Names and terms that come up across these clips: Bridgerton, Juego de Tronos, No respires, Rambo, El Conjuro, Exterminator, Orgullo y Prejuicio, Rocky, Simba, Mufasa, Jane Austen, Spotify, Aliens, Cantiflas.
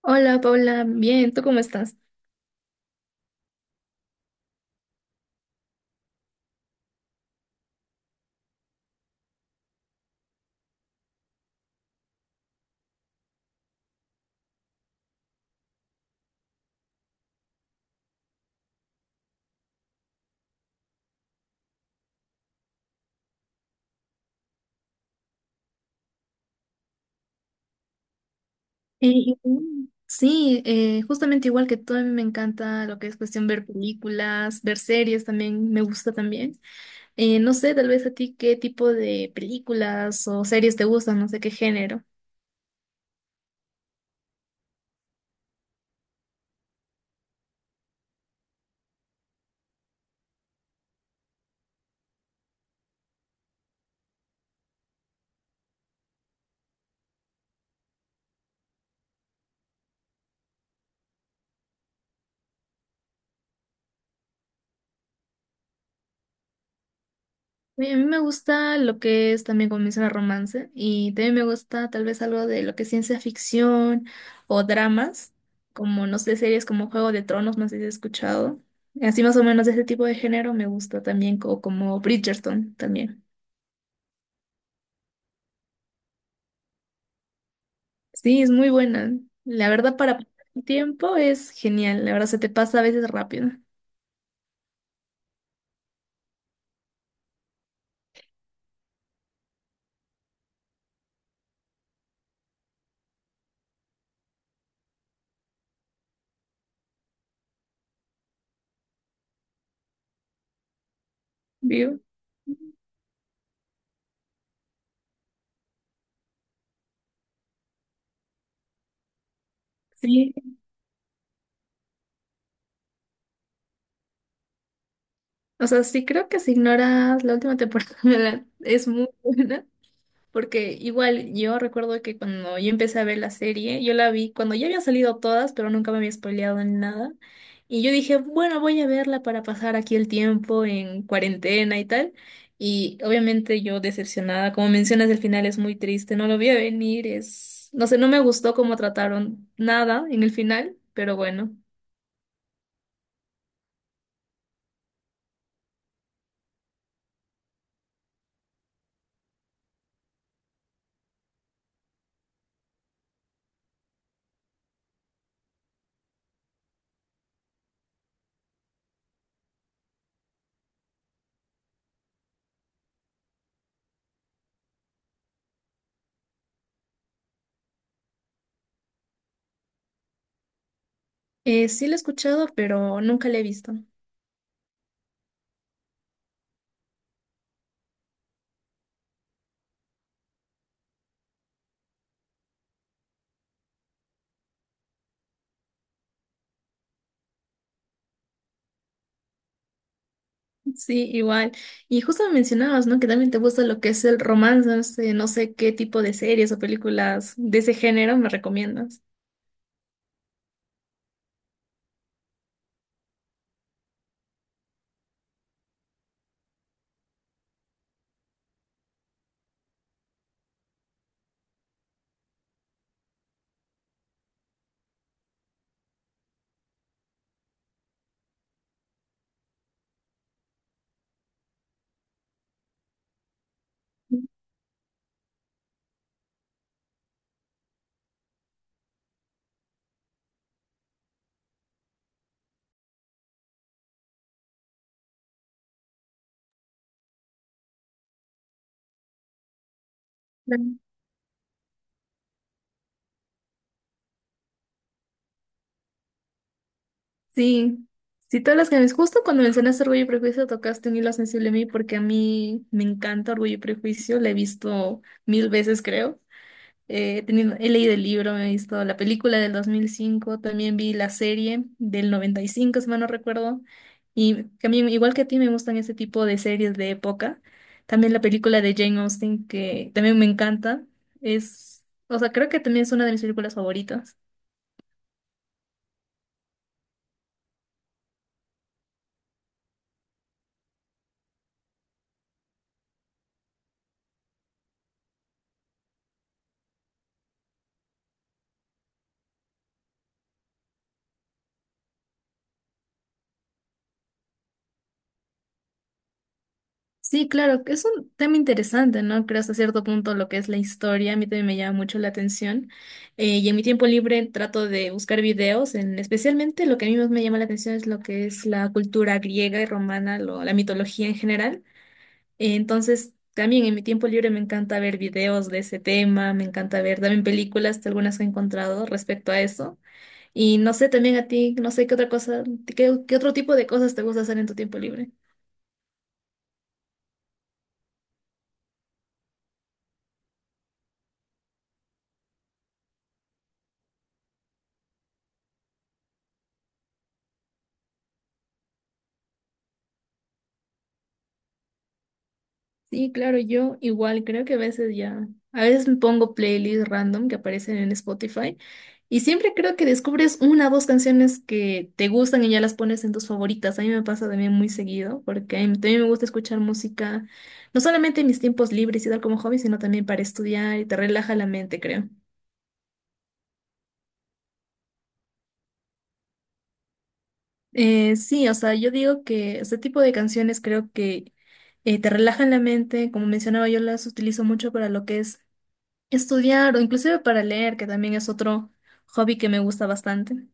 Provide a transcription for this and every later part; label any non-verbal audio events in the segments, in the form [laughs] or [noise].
Hola Paula, bien, ¿tú cómo estás? Eh, sí, justamente igual que tú, a mí me encanta lo que es cuestión ver películas, ver series también, me gusta también. No sé, tal vez a ti qué tipo de películas o series te gustan, no sé qué género. Oye, a mí me gusta lo que es también como mencionar romance y también me gusta tal vez algo de lo que es ciencia ficción o dramas, como no sé, series como Juego de Tronos, no sé si has escuchado. Así más o menos de ese tipo de género me gusta también, o como Bridgerton también. Sí, es muy buena. La verdad para pasar el tiempo es genial, la verdad se te pasa a veces rápido. ¿Vivo? Sí, o sea, sí creo que si ignoras la última temporada [laughs] es muy buena. Porque igual yo recuerdo que cuando yo empecé a ver la serie, yo la vi cuando ya habían salido todas, pero nunca me había spoileado en nada. Y yo dije, bueno, voy a verla para pasar aquí el tiempo en cuarentena y tal. Y obviamente yo decepcionada, como mencionas, el final es muy triste, no lo vi a venir, es, no sé, no me gustó cómo trataron nada en el final, pero bueno. Sí la he escuchado, pero nunca la he visto. Sí, igual. Y justo me mencionabas, ¿no? Que también te gusta lo que es el romance, no sé, no sé qué tipo de series o películas de ese género me recomiendas. Claro. Sí, sí, todas las que me justo cuando mencionaste Orgullo y Prejuicio tocaste un hilo sensible a mí porque a mí me encanta Orgullo y Prejuicio, la he visto mil veces, creo. He tenido, he leído el libro, me he visto la película del 2005, también vi la serie del 95 si mal no recuerdo. Y también, igual que a ti, me gustan ese tipo de series de época. También la película de Jane Austen, que también me encanta. Es, o sea, creo que también es una de mis películas favoritas. Sí, claro, que es un tema interesante, ¿no? Creo hasta cierto punto lo que es la historia, a mí también me llama mucho la atención. Y en mi tiempo libre trato de buscar videos, en, especialmente lo que a mí más me llama la atención es lo que es la cultura griega y romana, la mitología en general. Entonces, también en mi tiempo libre me encanta ver videos de ese tema, me encanta ver también películas, algunas que he encontrado respecto a eso. Y no sé, también a ti, no sé qué otra cosa, qué, qué otro tipo de cosas te gusta hacer en tu tiempo libre. Sí, claro, yo igual creo que a veces ya, a veces me pongo playlists random que aparecen en Spotify y siempre creo que descubres una o dos canciones que te gustan y ya las pones en tus favoritas. A mí me pasa también muy seguido porque a mí también me gusta escuchar música, no solamente en mis tiempos libres y tal como hobby, sino también para estudiar y te relaja la mente, creo. Sí, o sea, yo digo que este tipo de canciones creo que te relajan la mente. Como mencionaba, yo las utilizo mucho para lo que es estudiar o inclusive para leer, que también es otro hobby que me gusta bastante.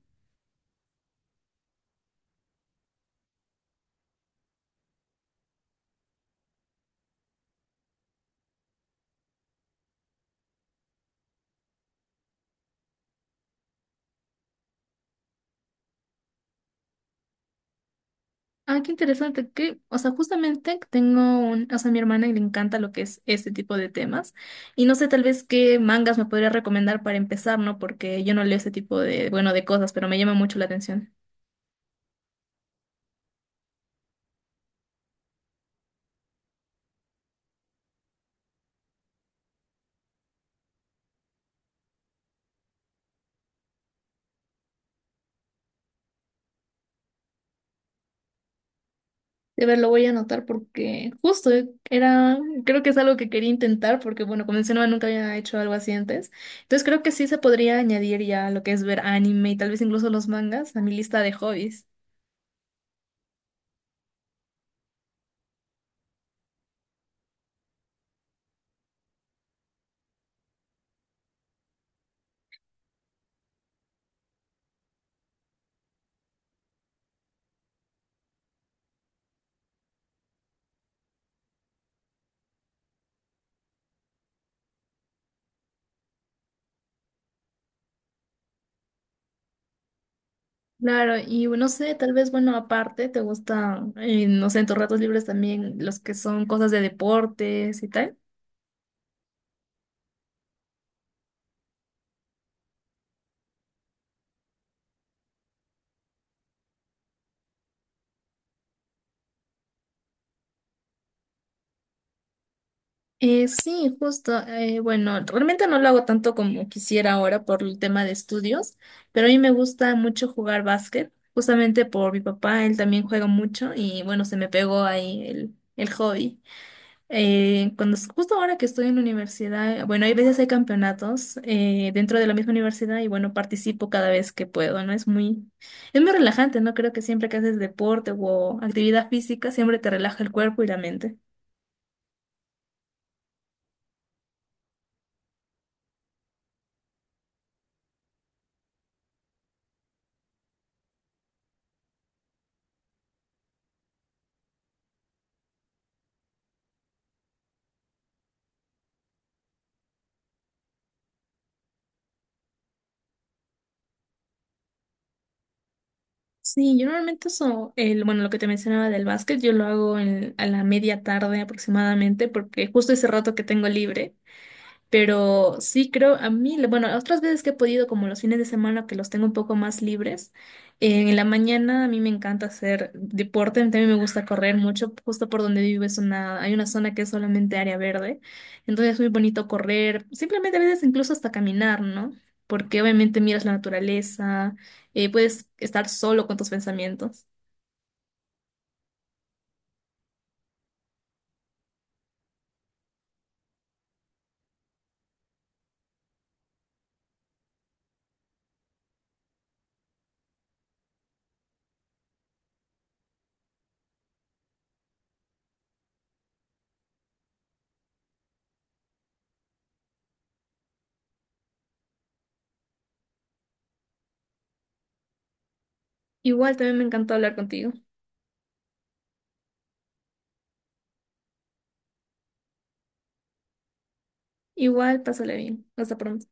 Ah, qué interesante, que, o sea, justamente tengo un, o sea, a mi hermana le encanta lo que es este tipo de temas y no sé tal vez qué mangas me podría recomendar para empezar, ¿no? Porque yo no leo ese tipo de, bueno, de cosas, pero me llama mucho la atención. De ver, lo voy a anotar porque justo era, creo que es algo que quería intentar porque, bueno, como mencionaba, nunca había hecho algo así antes. Entonces creo que sí se podría añadir ya lo que es ver anime y tal vez incluso los mangas a mi lista de hobbies. Claro, y no sé, tal vez, bueno, aparte, te gusta no sé, en tus ratos libres también los que son cosas de deportes y tal. Sí, justo. Bueno, realmente no lo hago tanto como quisiera ahora por el tema de estudios, pero a mí me gusta mucho jugar básquet, justamente por mi papá, él también juega mucho y bueno, se me pegó ahí el hobby. Justo ahora que estoy en la universidad, bueno, hay veces hay campeonatos dentro de la misma universidad y bueno, participo cada vez que puedo, ¿no? Es muy relajante, ¿no? Creo que siempre que haces deporte o actividad física, siempre te relaja el cuerpo y la mente. Sí, yo normalmente eso, el, bueno, lo que te mencionaba del básquet, yo lo hago a la media tarde aproximadamente, porque justo ese rato que tengo libre. Pero sí creo, a mí, bueno, otras veces que he podido, como los fines de semana que los tengo un poco más libres, en la mañana a mí me encanta hacer deporte, también me gusta correr mucho, justo por donde vivo es una, hay una zona que es solamente área verde, entonces es muy bonito correr, simplemente a veces incluso hasta caminar, ¿no? Porque obviamente miras la naturaleza, puedes estar solo con tus pensamientos. Igual también me encantó hablar contigo. Igual, pásale bien. Hasta pronto.